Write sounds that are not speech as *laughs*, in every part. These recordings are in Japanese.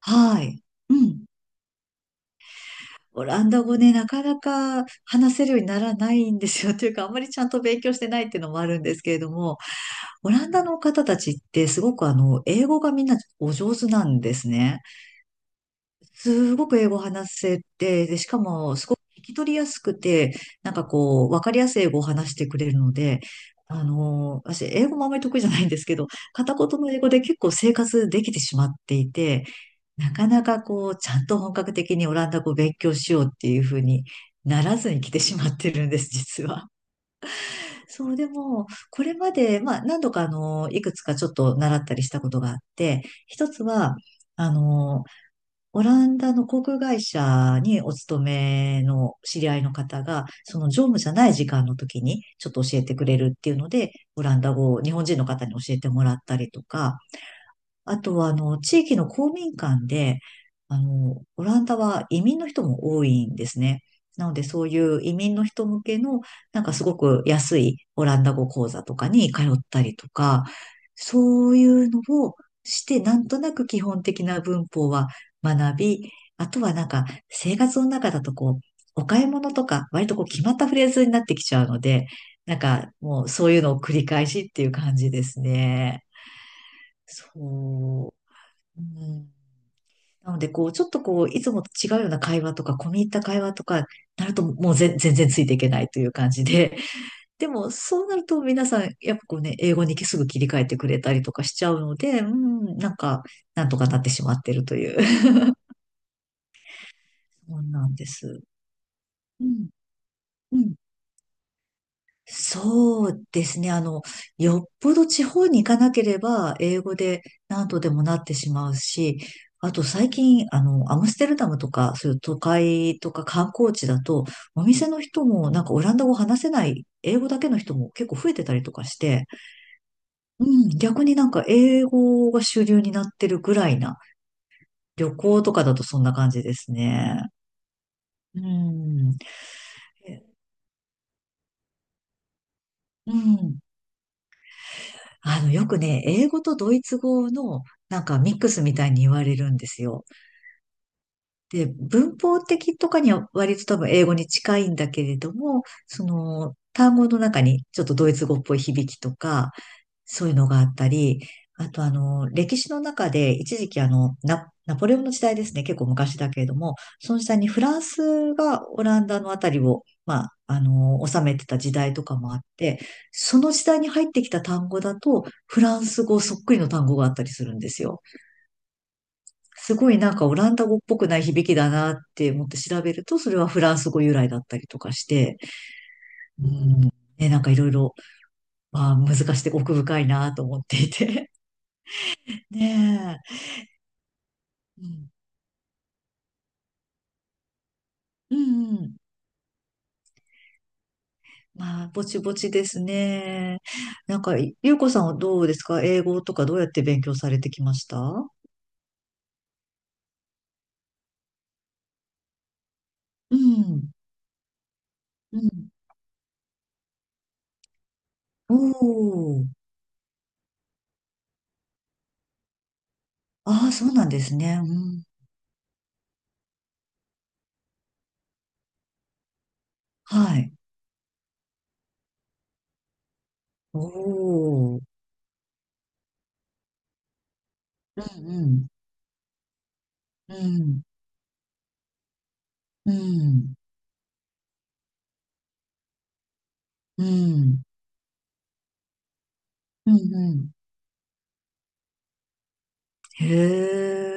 はい。うん。オランダ語ね、なかなか話せるようにならないんですよ。*laughs* というか、あんまりちゃんと勉強してないっていうのもあるんですけれども、オランダの方たちってすごく英語がみんなお上手なんですね。すごく英語を話せて、で、しかもすごく聞き取りやすくて、なんかこう、わかりやすい英語を話してくれるので、私、英語もあまり得意じゃないんですけど、片言の英語で結構生活できてしまっていて、なかなかこう、ちゃんと本格的にオランダ語を勉強しようっていうふうにならずに来てしまってるんです、実は。そう、でも、これまで、まあ、何度かいくつかちょっと習ったりしたことがあって、一つは、あのオランダの航空会社にお勤めの知り合いの方が、その乗務じゃない時間の時にちょっと教えてくれるっていうので、オランダ語を日本人の方に教えてもらったりとか、あとは、地域の公民館で、オランダは移民の人も多いんですね。なので、そういう移民の人向けの、なんかすごく安いオランダ語講座とかに通ったりとか、そういうのをして、なんとなく基本的な文法は学び、あとはなんか生活の中だとこう、お買い物とか、割とこう決まったフレーズになってきちゃうので、なんかもうそういうのを繰り返しっていう感じですね。そう。うん。なので、こう、ちょっとこう、いつもと違うような会話とか、込み入った会話とか、なるともう全然ついていけないという感じで、*laughs* でも、そうなると皆さん、やっぱこうね、英語にすぐ切り替えてくれたりとかしちゃうので、うん、なんか、なんとかなってしまってるという。*laughs* そうなんです。うん。うん。そうですね。よっぽど地方に行かなければ、英語で何とでもなってしまうし、あと最近、アムステルダムとか、そういう都会とか観光地だと、お店の人もなんかオランダ語話せない、英語だけの人も結構増えてたりとかして、うん、逆になんか英語が主流になってるぐらいな、旅行とかだとそんな感じですね。うん。うん。よくね、英語とドイツ語のなんかミックスみたいに言われるんですよ。で、文法的とかには割と多分英語に近いんだけれども、その単語の中にちょっとドイツ語っぽい響きとか、そういうのがあったり、あと歴史の中で一時期ナポレオンの時代ですね、結構昔だけれども、その時代にフランスがオランダのあたりを、まあ、治めてた時代とかもあって、その時代に入ってきた単語だと、フランス語そっくりの単語があったりするんですよ。すごいなんかオランダ語っぽくない響きだなって思って調べると、それはフランス語由来だったりとかして、うん、ね、なんかいろいろ、まあ難しくて奥深いなと思っていて。*laughs* ねえ。うん、うんうん。まあ、ぼちぼちですね。なんか、ゆうこさんはどうですか？英語とかどうやって勉強されてきました？うん。うん。おー。ああ、そうなんですね。うん。はい。おー。うんうん。うん。うん。うん。うん。へ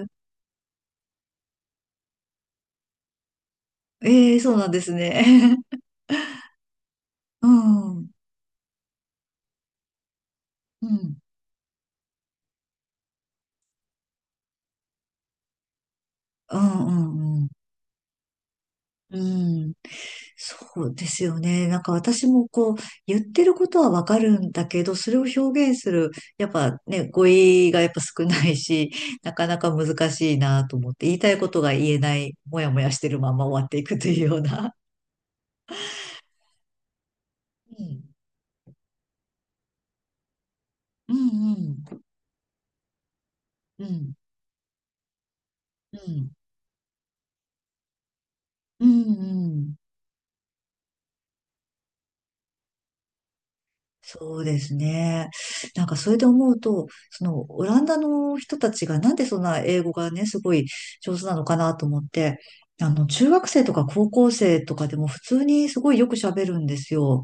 え。ええ、そうなんですね。*laughs* うん。うん。うん。うん。うん。うん。そうですよね。なんか私もこう、言ってることはわかるんだけど、それを表現する、やっぱね、語彙がやっぱ少ないし、*laughs* なかなか難しいなと思って、言いたいことが言えない、もやもやしてるまま終わっていくというような。うん、うん、うん、うん、うん、うん。そうですね。なんかそれで思うと、そのオランダの人たちがなんでそんな英語がね、すごい上手なのかなと思って、中学生とか高校生とかでも普通にすごいよく喋るんですよ。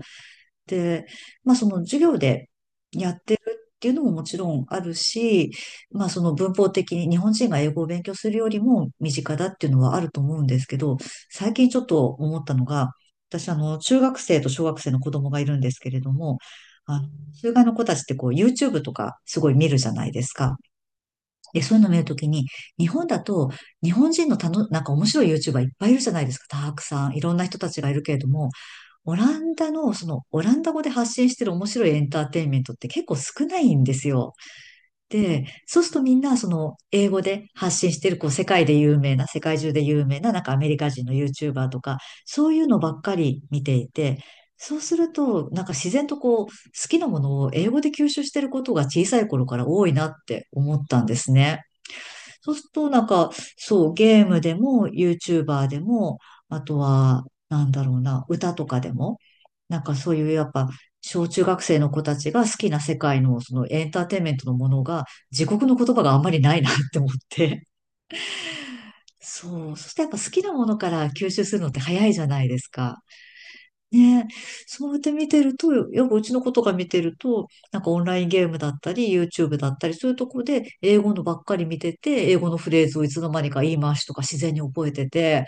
で、まあその授業でやってるっていうのももちろんあるし、まあその文法的に日本人が英語を勉強するよりも身近だっていうのはあると思うんですけど、最近ちょっと思ったのが、私中学生と小学生の子供がいるんですけれども、あの、中外の子たちってこう YouTube とかすごい見るじゃないですか。で、そういうの見るときに、日本だと日本人のなんか面白い YouTuber いっぱいいるじゃないですか。たくさん。いろんな人たちがいるけれども、オランダの、その、オランダ語で発信してる面白いエンターテインメントって結構少ないんですよ。で、そうするとみんな、その、英語で発信してる、こう、世界で有名な、世界中で有名な、なんかアメリカ人の YouTuber とか、そういうのばっかり見ていて、そうすると、なんか自然とこう、好きなものを英語で吸収してることが小さい頃から多いなって思ったんですね。そうすると、なんか、そう、ゲームでも、YouTuber でも、あとは、なんだろうな、歌とかでも、なんかそういう、やっぱ、小中学生の子たちが好きな世界の、そのエンターテインメントのものが、自国の言葉があんまりないなって思って。そう、そしてやっぱ好きなものから吸収するのって早いじゃないですか。ねえ、そうやって見てると、やっぱうちの子とか見てると、なんかオンラインゲームだったり、YouTube だったり、そういうとこで英語のばっかり見てて、英語のフレーズをいつの間にか言い回しとか自然に覚えてて、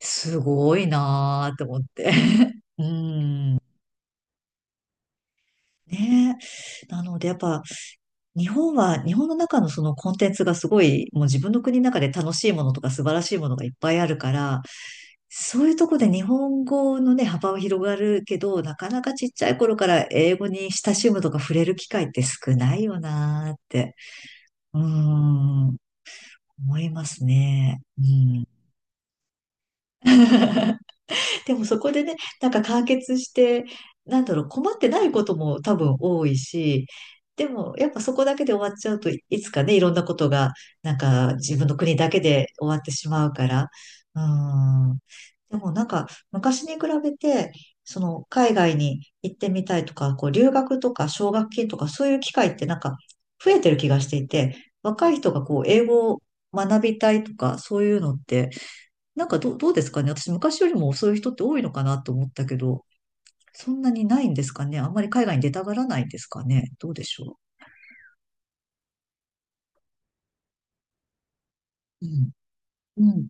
すごいなーって思って。*laughs* うん。ねえ。なので、やっぱ日本は、日本の中のそのコンテンツがすごい、もう自分の国の中で楽しいものとか素晴らしいものがいっぱいあるから、そういうとこで日本語のね、幅は広がるけど、なかなかちっちゃい頃から英語に親しむとか触れる機会って少ないよなーって、うーん、思いますね。うん。*laughs* でもそこでね、なんか完結して、なんだろう、困ってないことも多分多いし、でもやっぱそこだけで終わっちゃうといつかね、いろんなことが、なんか自分の国だけで終わってしまうから。うん。でもなんか昔に比べて、その海外に行ってみたいとか、こう留学とか奨学金とかそういう機会ってなんか増えてる気がしていて、若い人がこう英語を学びたいとかそういうのってなんかどうですかね。私、昔よりもそういう人って多いのかなと思ったけど、そんなにないんですかね。あんまり海外に出たがらないんですかね。どうでしょう。うん。うん。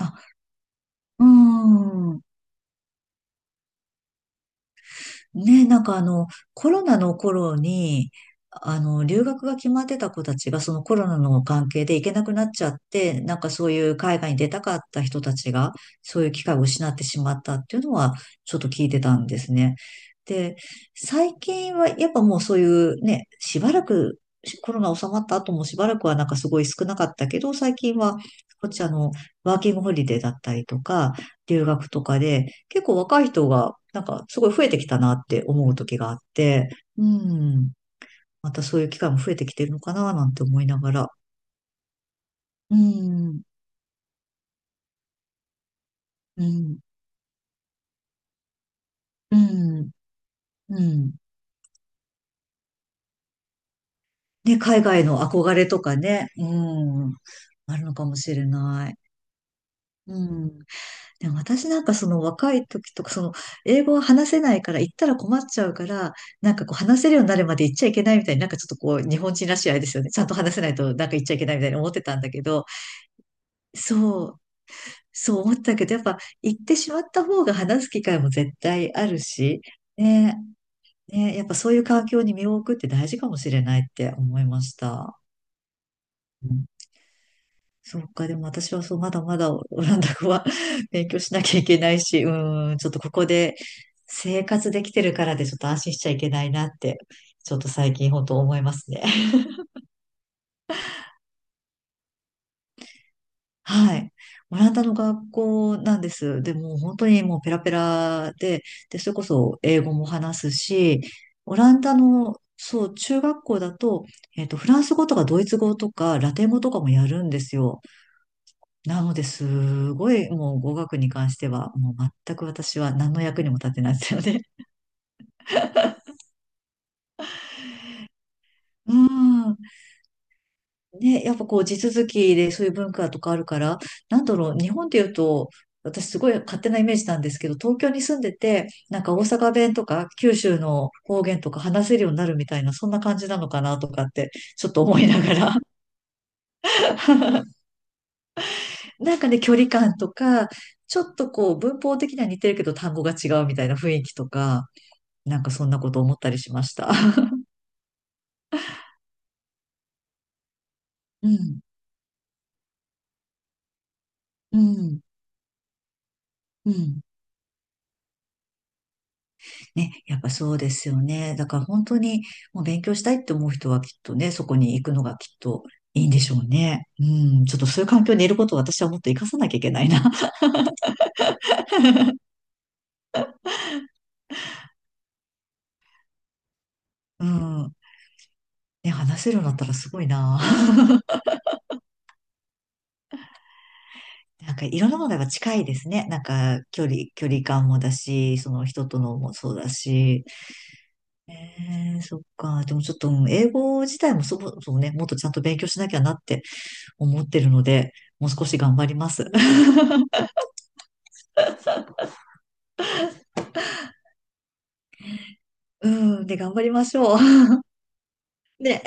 あ、うーん。ね、コロナの頃に、留学が決まってた子たちが、そのコロナの関係で行けなくなっちゃって、なんかそういう海外に出たかった人たちが、そういう機会を失ってしまったっていうのは、ちょっと聞いてたんですね。で、最近はやっぱもうそういうね、しばらく、コロナ収まった後もしばらくはなんかすごい少なかったけど、最近は、こっちあの、ワーキングホリデーだったりとか、留学とかで、結構若い人が、なんかすごい増えてきたなって思う時があって、うん、またそういう機会も増えてきてるのかななんて思いながら、うん、うん、うん、うん。ね、海外の憧れとかね、うん、あるのかもしれない。うん。でも私なんかその若い時とか、その英語を話せないから行ったら困っちゃうから、なんかこう話せるようになるまで行っちゃいけないみたいになんかちょっとこう日本人らしいあれですよね。ちゃんと話せないとなんか行っちゃいけないみたいに思ってたんだけど、そう、そう思ったけど、やっぱ行ってしまった方が話す機会も絶対あるし、ね、ね、やっぱそういう環境に身を置くって大事かもしれないって思いました。うん。そうか、でも私はそう、まだまだオランダ語は *laughs* 勉強しなきゃいけないし、うん、ちょっとここで生活できてるからでちょっと安心しちゃいけないなって、ちょっと最近本当思いますね。はい。オランダの学校なんです。でもう本当にもうペラペラで、で、それこそ英語も話すし、オランダの、そう、中学校だと、フランス語とかドイツ語とかラテン語とかもやるんですよ。なので、すごいもう語学に関しては、もう全く私は何の役にも立てないですよね。*laughs* うん。ね、やっぱこう地続きでそういう文化とかあるから、なんだろう、日本で言うと、私すごい勝手なイメージなんですけど、東京に住んでて、なんか大阪弁とか九州の方言とか話せるようになるみたいな、そんな感じなのかなとかって、ちょっと思いながら。*laughs* なんかね、距離感とか、ちょっとこう文法的には似てるけど単語が違うみたいな雰囲気とか、なんかそんなこと思ったりしました。*laughs* うん、うん、うん。ね、やっぱそうですよね。だから本当にもう勉強したいって思う人はきっとね、そこに行くのがきっといいんでしょうね。うん、ちょっとそういう環境にいることを私はもっと活かさなきゃいけないな。*laughs* うん。ね、話せるようになったらすごいな。*laughs* なんかいろんなものが近いですね。なんか距離感もだし、その人とのもそうだし。えー、そっか。でもちょっと、うん英語自体もそもそもね、もっとちゃんと勉強しなきゃなって思ってるので、もう少し頑張ります。*laughs* うん、で、頑張りましょう。*laughs* ね。